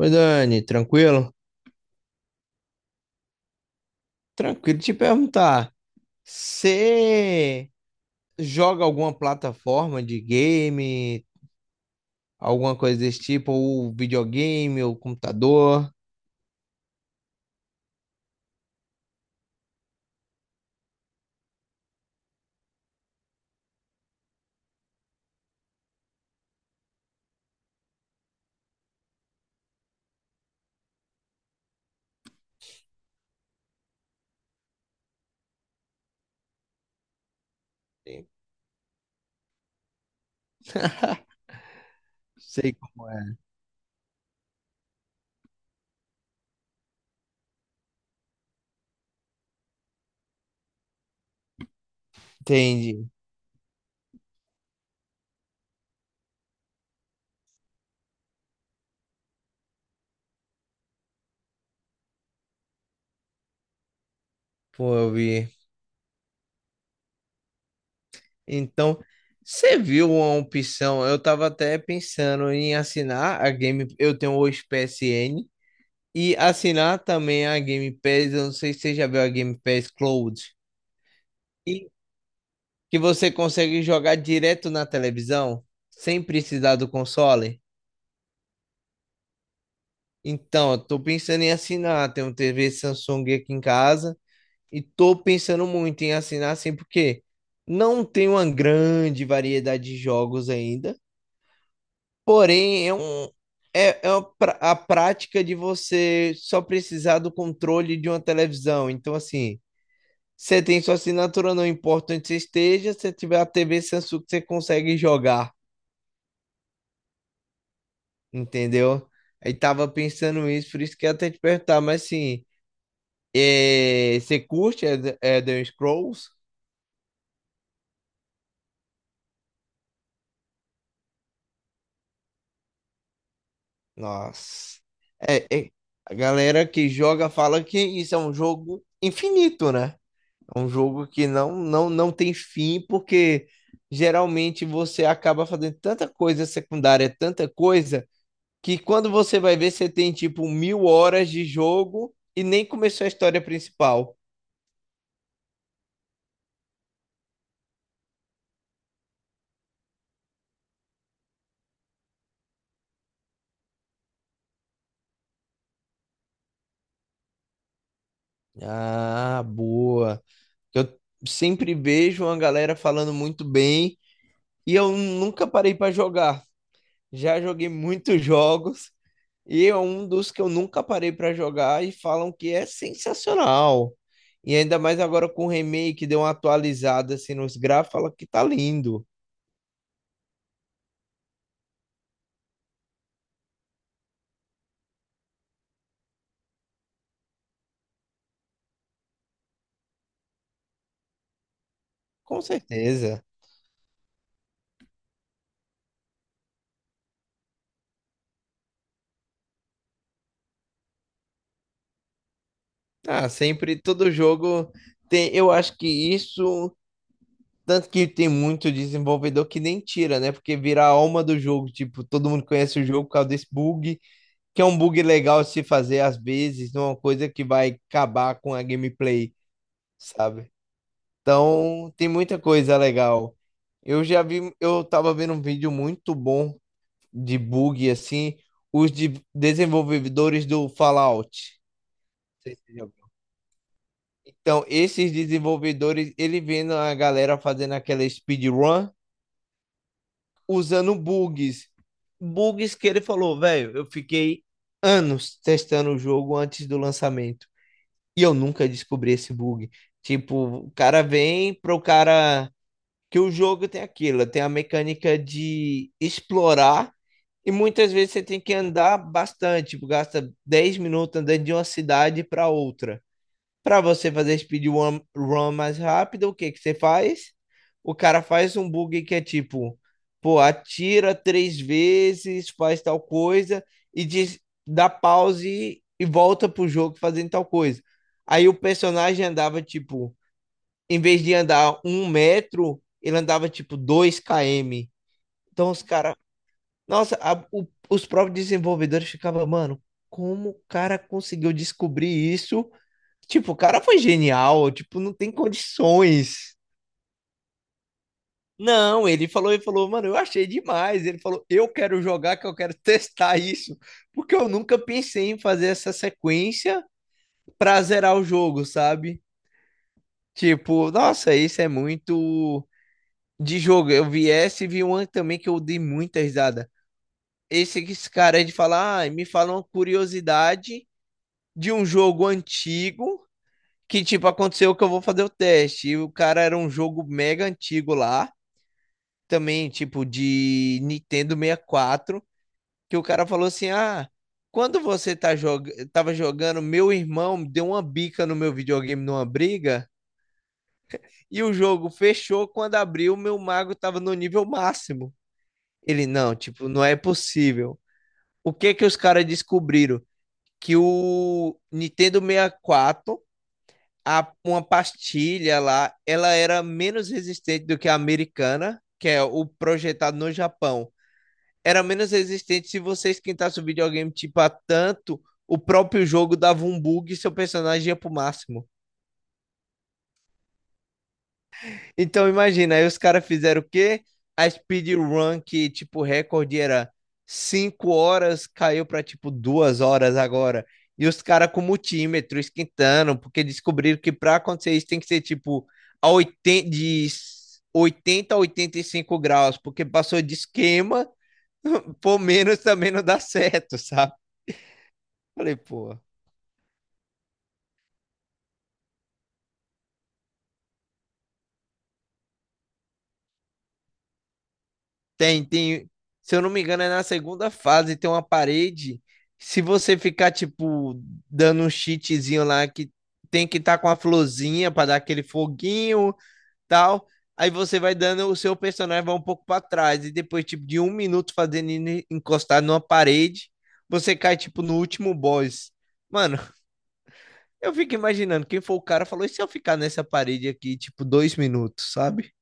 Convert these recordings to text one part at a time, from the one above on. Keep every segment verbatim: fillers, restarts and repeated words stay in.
Oi, Dani, tranquilo? Tranquilo te perguntar. Você joga alguma plataforma de game, alguma coisa desse tipo, ou videogame, ou computador? Sei como é. Entendi. Pô, eu vi. Então, você viu uma opção? Eu tava até pensando em assinar a Game. Eu tenho o P S N e assinar também a Game Pass. Eu não sei se você já viu a Game Pass Cloud, que você consegue jogar direto na televisão, sem precisar do console. Então, eu tô pensando em assinar. Tem um T V Samsung aqui em casa e tô pensando muito em assinar assim, porque não tem uma grande variedade de jogos ainda. Porém, é um é, é uma pra- a prática de você só precisar do controle de uma televisão. Então, assim, você tem sua assinatura, não importa onde você esteja, se tiver a T V Samsung, você consegue jogar, entendeu? Aí tava pensando isso, por isso que eu até te perguntar, mas assim, é, você curte Elder Elder Scrolls? Nossa. É, é, a galera que joga fala que isso é um jogo infinito, né? É um jogo que não, não, não tem fim, porque geralmente você acaba fazendo tanta coisa secundária, tanta coisa, que quando você vai ver, você tem tipo mil horas de jogo e nem começou a história principal. Ah, boa. Que eu sempre vejo uma galera falando muito bem e eu nunca parei para jogar. Já joguei muitos jogos e é um dos que eu nunca parei para jogar e falam que é sensacional. E ainda mais agora com o remake, deu uma atualizada assim nos gráficos, fala que tá lindo. Com certeza. Ah, sempre todo jogo tem, eu acho que isso, tanto que tem muito desenvolvedor que nem tira, né? Porque vira a alma do jogo, tipo, todo mundo conhece o jogo por causa desse bug, que é um bug legal se fazer às vezes, não é uma coisa que vai acabar com a gameplay, sabe? Então, tem muita coisa legal. Eu já vi, eu tava vendo um vídeo muito bom de bug assim, os de- desenvolvedores do Fallout. Não sei se você já viu. Então, esses desenvolvedores, ele vendo a galera fazendo aquela speedrun usando bugs. Bugs que ele falou, velho, eu fiquei anos testando o jogo antes do lançamento. E eu nunca descobri esse bug. Tipo, o cara vem pro cara. Que o jogo tem aquilo, tem a mecânica de explorar, e muitas vezes você tem que andar bastante, tipo, gasta dez minutos andando de uma cidade para outra. Para você fazer speedrun run mais rápido, o que que você faz? O cara faz um bug que é tipo, pô, atira três vezes, faz tal coisa e diz, dá pause e volta pro jogo fazendo tal coisa. Aí o personagem andava tipo, em vez de andar um metro, ele andava tipo dois quilômetros. Então os caras, nossa, a- o- os próprios desenvolvedores ficavam, mano, como o cara conseguiu descobrir isso. Tipo, o cara foi genial, tipo, não tem condições. Não, ele falou, ele falou, mano, eu achei demais. Ele falou, eu quero jogar, que eu quero testar isso, porque eu nunca pensei em fazer essa sequência pra zerar o jogo, sabe? Tipo, nossa, isso é muito de jogo. Eu vi essa e vi uma também que eu dei muita risada. Esse, esse cara aí de falar, ah, me fala uma curiosidade de um jogo antigo que, tipo, aconteceu, que eu vou fazer o teste. E o cara, era um jogo mega antigo lá, também, tipo, de Nintendo sessenta e quatro. Que o cara falou assim: ah, quando você tá jog... tava jogando, meu irmão deu uma bica no meu videogame numa briga, e o jogo fechou. Quando abriu, meu mago tava no nível máximo. Ele, não, tipo, não é possível. O que que os caras descobriram? Que o Nintendo sessenta e quatro, a, uma pastilha lá, ela era menos resistente do que a americana, que é o projetado no Japão. Era menos resistente se você esquentasse o videogame tipo a tanto, o próprio jogo dava um bug e seu personagem ia pro máximo. Então, imagina, aí os caras fizeram o quê? A speedrun que, tipo, o recorde era cinco horas, caiu pra, tipo, duas horas agora. E os caras com multímetro esquentando, porque descobriram que pra acontecer isso tem que ser, tipo, a oitenta de oitenta a oitenta e cinco graus, porque passou de esquema, por menos também não dá certo, sabe? Falei, pô, tem, tem. Se eu não me engano, é na segunda fase, tem uma parede. Se você ficar, tipo, dando um cheatzinho lá, que tem que estar com a florzinha para dar aquele foguinho, tal. Aí você vai dando, o seu personagem vai um pouco para trás. E depois, tipo, de um minuto fazendo ele encostar numa parede, você cai, tipo, no último boss. Mano, eu fico imaginando, quem for o cara falou, e se eu ficar nessa parede aqui, tipo, dois minutos, sabe?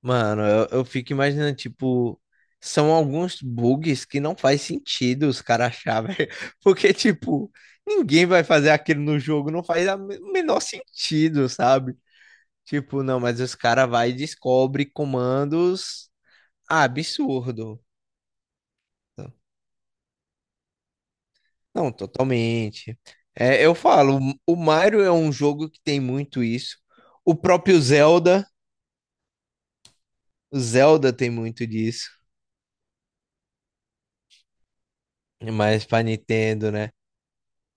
Mano, eu, eu fico imaginando, tipo, são alguns bugs que não faz sentido os caras achar, velho. Porque, tipo, ninguém vai fazer aquilo no jogo, não faz a me- o menor sentido, sabe? Tipo, não, mas os caras vai e descobre comandos, ah, absurdo. Não, totalmente. É, eu falo, o Mario é um jogo que tem muito isso. O próprio Zelda, o Zelda tem muito disso. Mas pra Nintendo, né?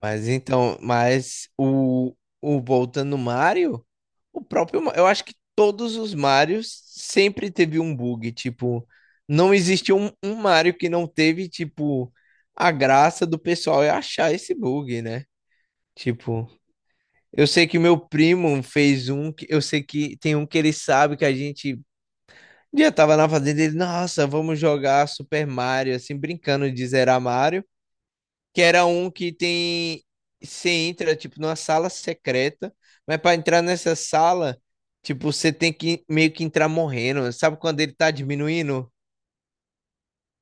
Mas então, mas o, o voltando no Mario, o próprio, Ma- eu acho que todos os Marios sempre teve um bug, tipo, não existiu um, um Mario que não teve, tipo, a graça do pessoal é achar esse bug, né? Tipo, eu sei que meu primo fez um, que- eu sei que tem um que ele sabe que a gente, um dia, tava na fazenda, ele, nossa, vamos jogar Super Mario, assim, brincando de zerar Mario, que era um que tem. Você entra, tipo, numa sala secreta, mas pra entrar nessa sala, tipo, você tem que meio que entrar morrendo. Sabe quando ele tá diminuindo?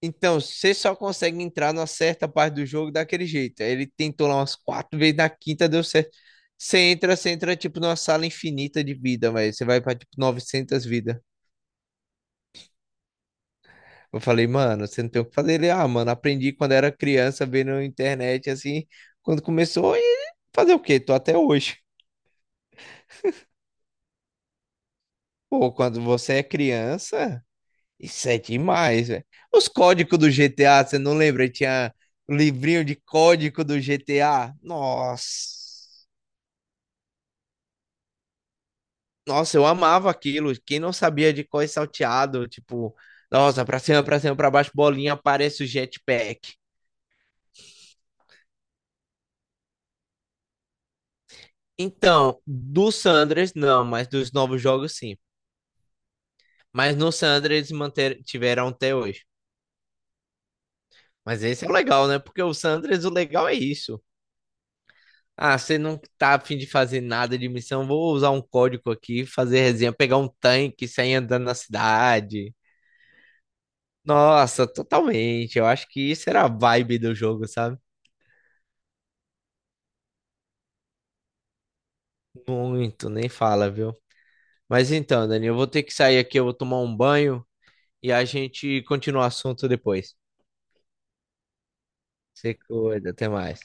Então, você só consegue entrar numa certa parte do jogo daquele jeito. Aí ele tentou lá umas quatro vezes, na quinta deu certo. Você entra, você entra, tipo, numa sala infinita de vida, velho. Você vai pra, tipo, novecentas vidas. Eu falei, mano, você não tem o que fazer. Ele, ah, mano, aprendi quando era criança, vendo na internet, assim, quando começou, e fazer o quê? Tô até hoje. Pô, quando você é criança, isso é demais, velho. Os códigos do G T A, você não lembra? Tinha um livrinho de código do G T A. Nossa. Nossa, eu amava aquilo. Quem não sabia de cor e salteado, tipo, nossa, pra cima, pra cima, pra baixo, bolinha, aparece o jetpack. Então, do San Andreas, não, mas dos novos jogos, sim. Mas no San Andreas manter, tiveram até hoje. Mas esse é o legal, né? Porque o San Andreas, o legal é isso. Ah, você não tá a fim de fazer nada de missão? Vou usar um código aqui, fazer resenha, pegar um tanque, e sair andando na cidade. Nossa, totalmente. Eu acho que isso era a vibe do jogo, sabe? Muito, nem fala, viu? Mas então, Dani, eu vou ter que sair aqui, eu vou tomar um banho e a gente continua o assunto depois. Se cuida, até mais.